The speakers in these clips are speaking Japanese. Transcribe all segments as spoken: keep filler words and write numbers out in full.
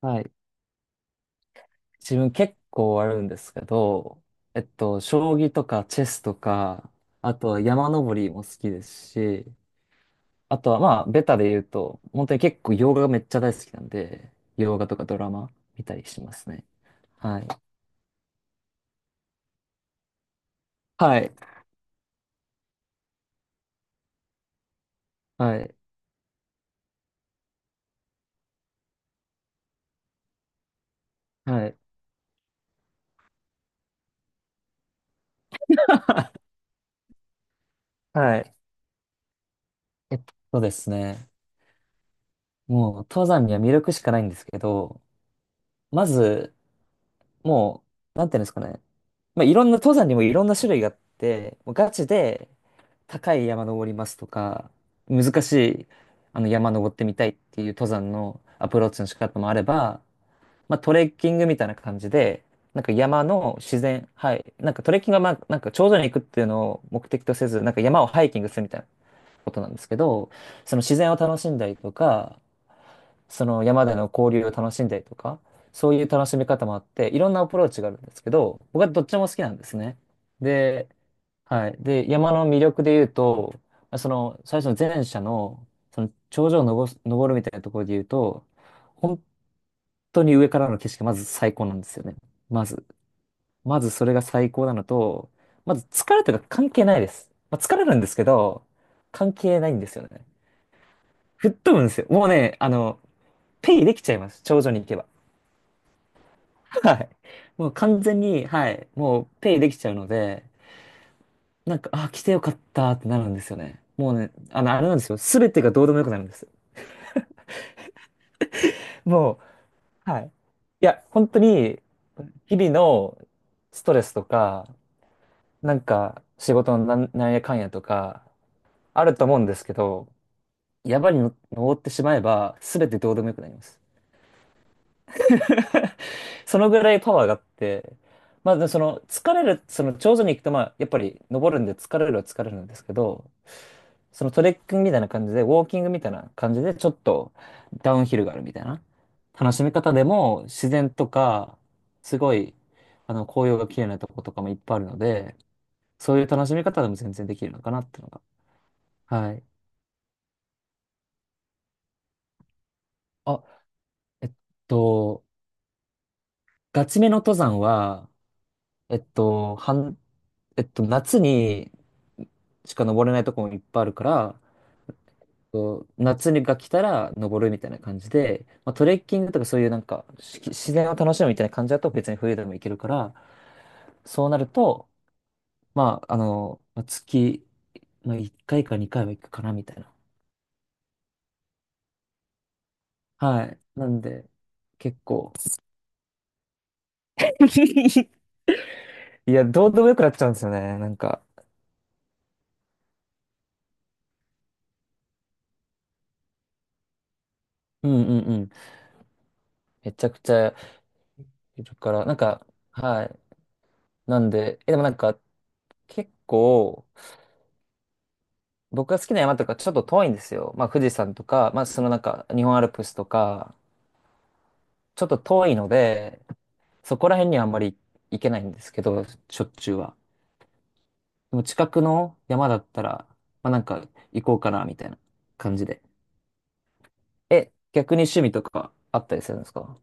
はい。自分結構あるんですけど、えっと、将棋とかチェスとか、あとは山登りも好きですし、あとはまあ、ベタで言うと、本当に結構洋画がめっちゃ大好きなんで、洋画とかドラマ見たりしますね。はい。はい。はい。はい。はい。えっとですね。もう、登山には魅力しかないんですけど、まず、もう、なんていうんですかね。まあ、いろんな登山にもいろんな種類があって、もうガチで高い山登りますとか、難しいあの山登ってみたいっていう登山のアプローチの仕方もあれば、まあ、トレッキングみたいな感じで、なんか山の自然、はい。なんかトレッキングはまあ、なんか頂上に行くっていうのを目的とせず、なんか山をハイキングするみたいなことなんですけど、その自然を楽しんだりとか、その山での交流を楽しんだりとか、そういう楽しみ方もあって、いろんなアプローチがあるんですけど、僕はどっちも好きなんですね。で、はい。で、山の魅力で言うと、その最初の前者の、その頂上を登す登るみたいなところで言うと、本当に上からの景色がまず最高なんですよね。まず、まずそれが最高なのと、まず疲れとか関係ないです。まあ、疲れるんですけど、関係ないんですよね。吹っ飛ぶんですよ。もうね、あの、ペイできちゃいます。頂上に行けば。はい。もう完全に、はい。もうペイできちゃうので、なんか、あ、来てよかったってなるんですよね。もうね、あの、あれなんですよ。すべてがどうでもよくなるんです。もう、はい。いや、本当に、日々のストレスとか、なんか、仕事のなんなんやかんやとか、あると思うんですけど、山に登ってしまえば、すべてどうでもよくなります。そのぐらいパワーがあって、まあ、でその疲れる、その頂上に行くと、まあ、やっぱり登るんで疲れるは疲れるんですけど、そのトレッキングみたいな感じで、ウォーキングみたいな感じで、ちょっとダウンヒルがあるみたいな楽しみ方でも、自然とか、すごい、あの、紅葉が綺麗なとことかもいっぱいあるので、そういう楽しみ方でも全然できるのかなっていうのが。はい。あ、えっと、ガチめの登山は、えっと、半えっと、夏にしか登れないとこもいっぱいあるから、こう夏にが来たら登るみたいな感じで、まあ、トレッキングとかそういうなんかし自然を楽しむみたいな感じだと別に冬でも行けるから、そうなると、まあ、あの、まあ月、まあ、いっかいかにかいは行くかなみたいな。はい。なんで、結構。いや、どうでもよくなっちゃうんですよね。なんか。うんうんうん。めちゃくちゃいるから、なんか、はい。なんで、え、でもなんか、結構、僕が好きな山とかちょっと遠いんですよ。まあ富士山とか、まあそのなんか日本アルプスとか、ちょっと遠いので、そこら辺にはあんまり行けないんですけど、しょっちゅうは。でも近くの山だったら、まあなんか行こうかなみたいな感じで。え、逆に趣味とかあったりするんですか？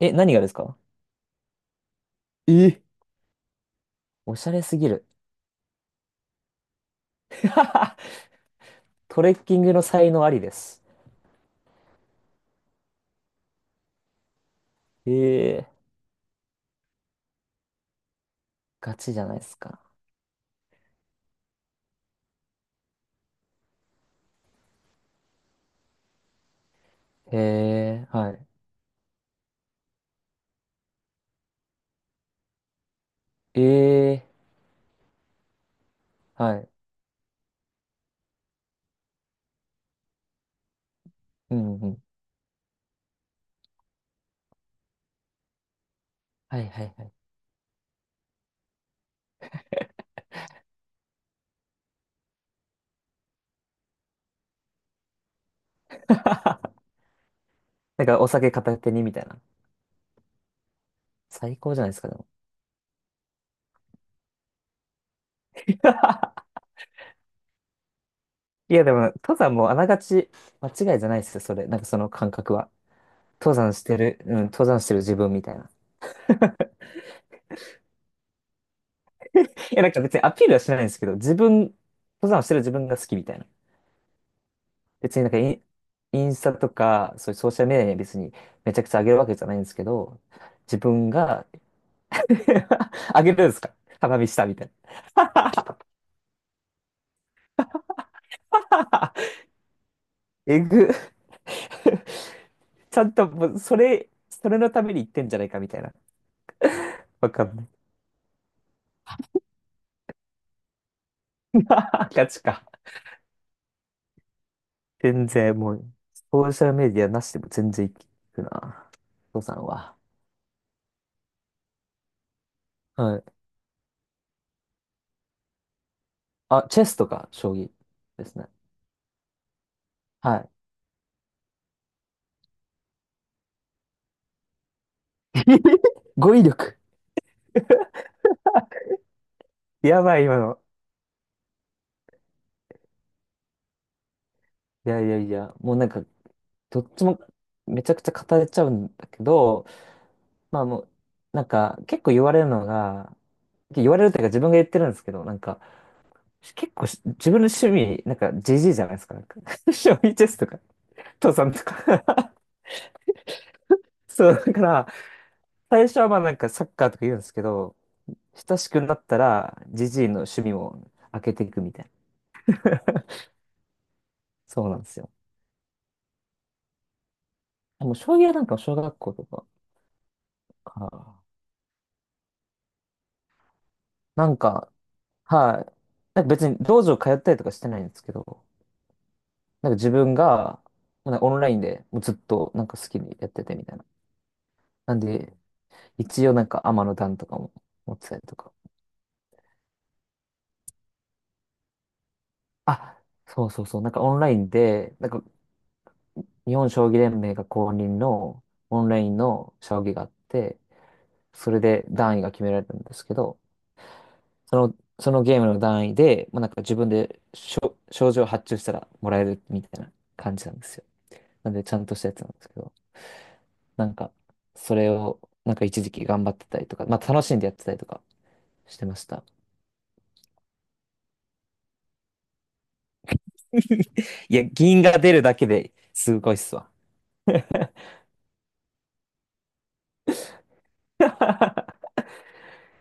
え、何がですか？え、おしゃれすぎる。トレッキングの才能ありです。ええ、ガチじゃないですか。ええ。はい。ええ。はい。うんうん。はいはいはい。なんかお酒片手にみたいな。最高じゃないですか、でも。いや、でも、登山もあながち間違いじゃないですよ、それ。なんかその感覚は。登山してる、うん、登山してる自分みたいな。いや、なんか別にアピールはしないんですけど、自分、登山してる自分が好きみたいな。別になんかイン、インスタとか、そういうソーシャルメディアに別にめちゃくちゃ上げるわけじゃないんですけど、自分が 上げるんですか？花見したみたいな。えぐ。ちゃんともう、それ、それのために言ってんじゃないかみたいな。わかんない。ガチか。全然もう、ソーシャルメディアなしでも全然いくな。父さんは。はい。あ、チェスとか将棋ですね。はい。語彙力。やばい、今の。いやいやいや、もうなんか、どっちもめちゃくちゃ語れちゃうんだけど、まあもう、なんか、結構言われるのが、言われるというか自分が言ってるんですけど、なんか、結構し自分の趣味、なんかジ g じゃないですか。なんか 将棋チェスとか、父さんとか そう、だから、最初はまあなんかサッカーとか言うんですけど、親しくなったらジジイの趣味も開けていくみたいな。そうなんですよ。でも将棋はなんか小学校とかか。なんか、はい。なんか別に道場通ったりとかしてないんですけど、なんか自分が、なんかオンラインでもうずっとなんか好きにやっててみたいな。なんで、一応なんか天の段とかも持ってたりとか。あ、そうそうそう。なんかオンラインで、なんか日本将棋連盟が公認のオンラインの将棋があって、それで段位が決められたんですけど、その、そのゲームの段位で、まあ、なんか自分で賞賞状を発注したらもらえるみたいな感じなんですよ。なんでちゃんとしたやつなんですけど、なんかそれをなんか一時期頑張ってたりとか、まあ楽しんでやってたりとかしてました。いや、銀が出るだけですごいっすわ。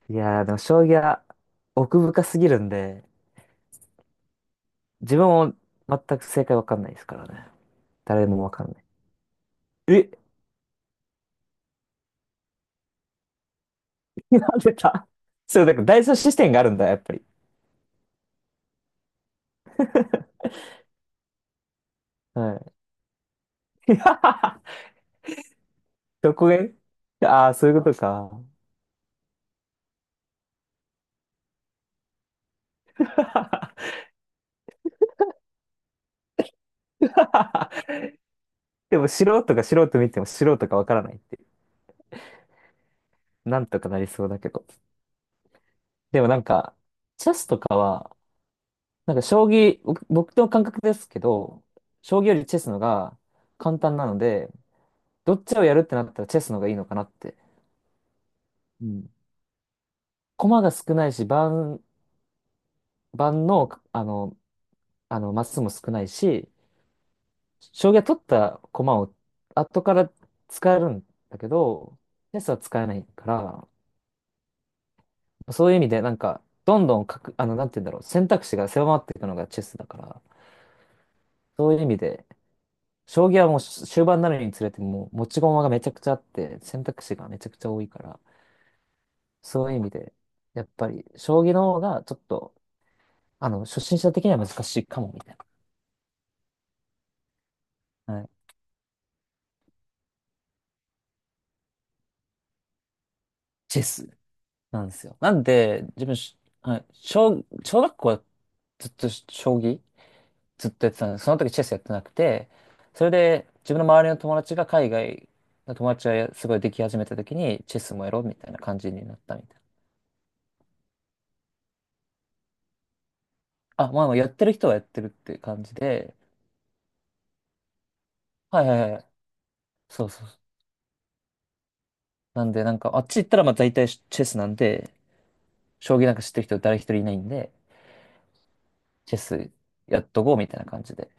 いやー、でも将棋は奥深すぎるんで、自分も全く正解わかんないですからね。誰もわかんない。え、なんでだ。 そう、だから第三視点があるんだ、やっぱり。はい。どこへあ。 あー、そういうことか。でも素人が素人見ても素人がわからないってなんとかなりそうだけど。でもなんか、チェスとかは、なんか将棋、僕僕の感覚ですけど、将棋よりチェスのが簡単なので、どっちをやるってなったらチェスの方がいいのかなって。うん。駒が少ないし、盤、盤の、あの、あの、マスも少ないし、将棋は取った駒を後から使えるんだけど、チェスは使えないから、そういう意味でなんか、どんどんかく、あの、なんて言うんだろう、選択肢が狭まっていくのがチェスだから、そういう意味で、将棋はもう終盤になるにつれてもう持ち駒がめちゃくちゃあって、選択肢がめちゃくちゃ多いから、そういう意味で、やっぱり将棋の方がちょっと、あの、初心者的には難しいかも、みたいな。はい。チェスなんですよ。なんで、自分し、はい、小、小学校はずっと将棋ずっとやってたんです。その時チェスやってなくて、それで自分の周りの友達が海外の友達がすごいでき始めた時に、チェスもやろうみたいな感じになったみたいな。あ、まあ、まあやってる人はやってるって感じで、はいはいはい。そうそうそう。なんで、なんか、あっち行ったらまあ大体チェスなんで、将棋なんか知ってる人誰一人いないんで、チェスやっとこうみたいな感じで。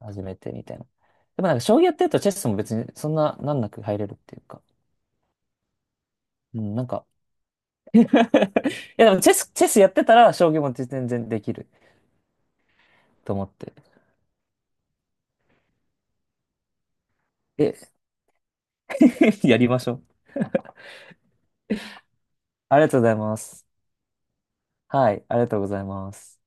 初めてみたいな。でもなんか将棋やってるとチェスも別にそんな難なく入れるっていうか。うん、なんか いやでもチェス、チェスやってたら将棋も全然できると思って。え、やりましょう。ありがとうございます。はい、ありがとうございます。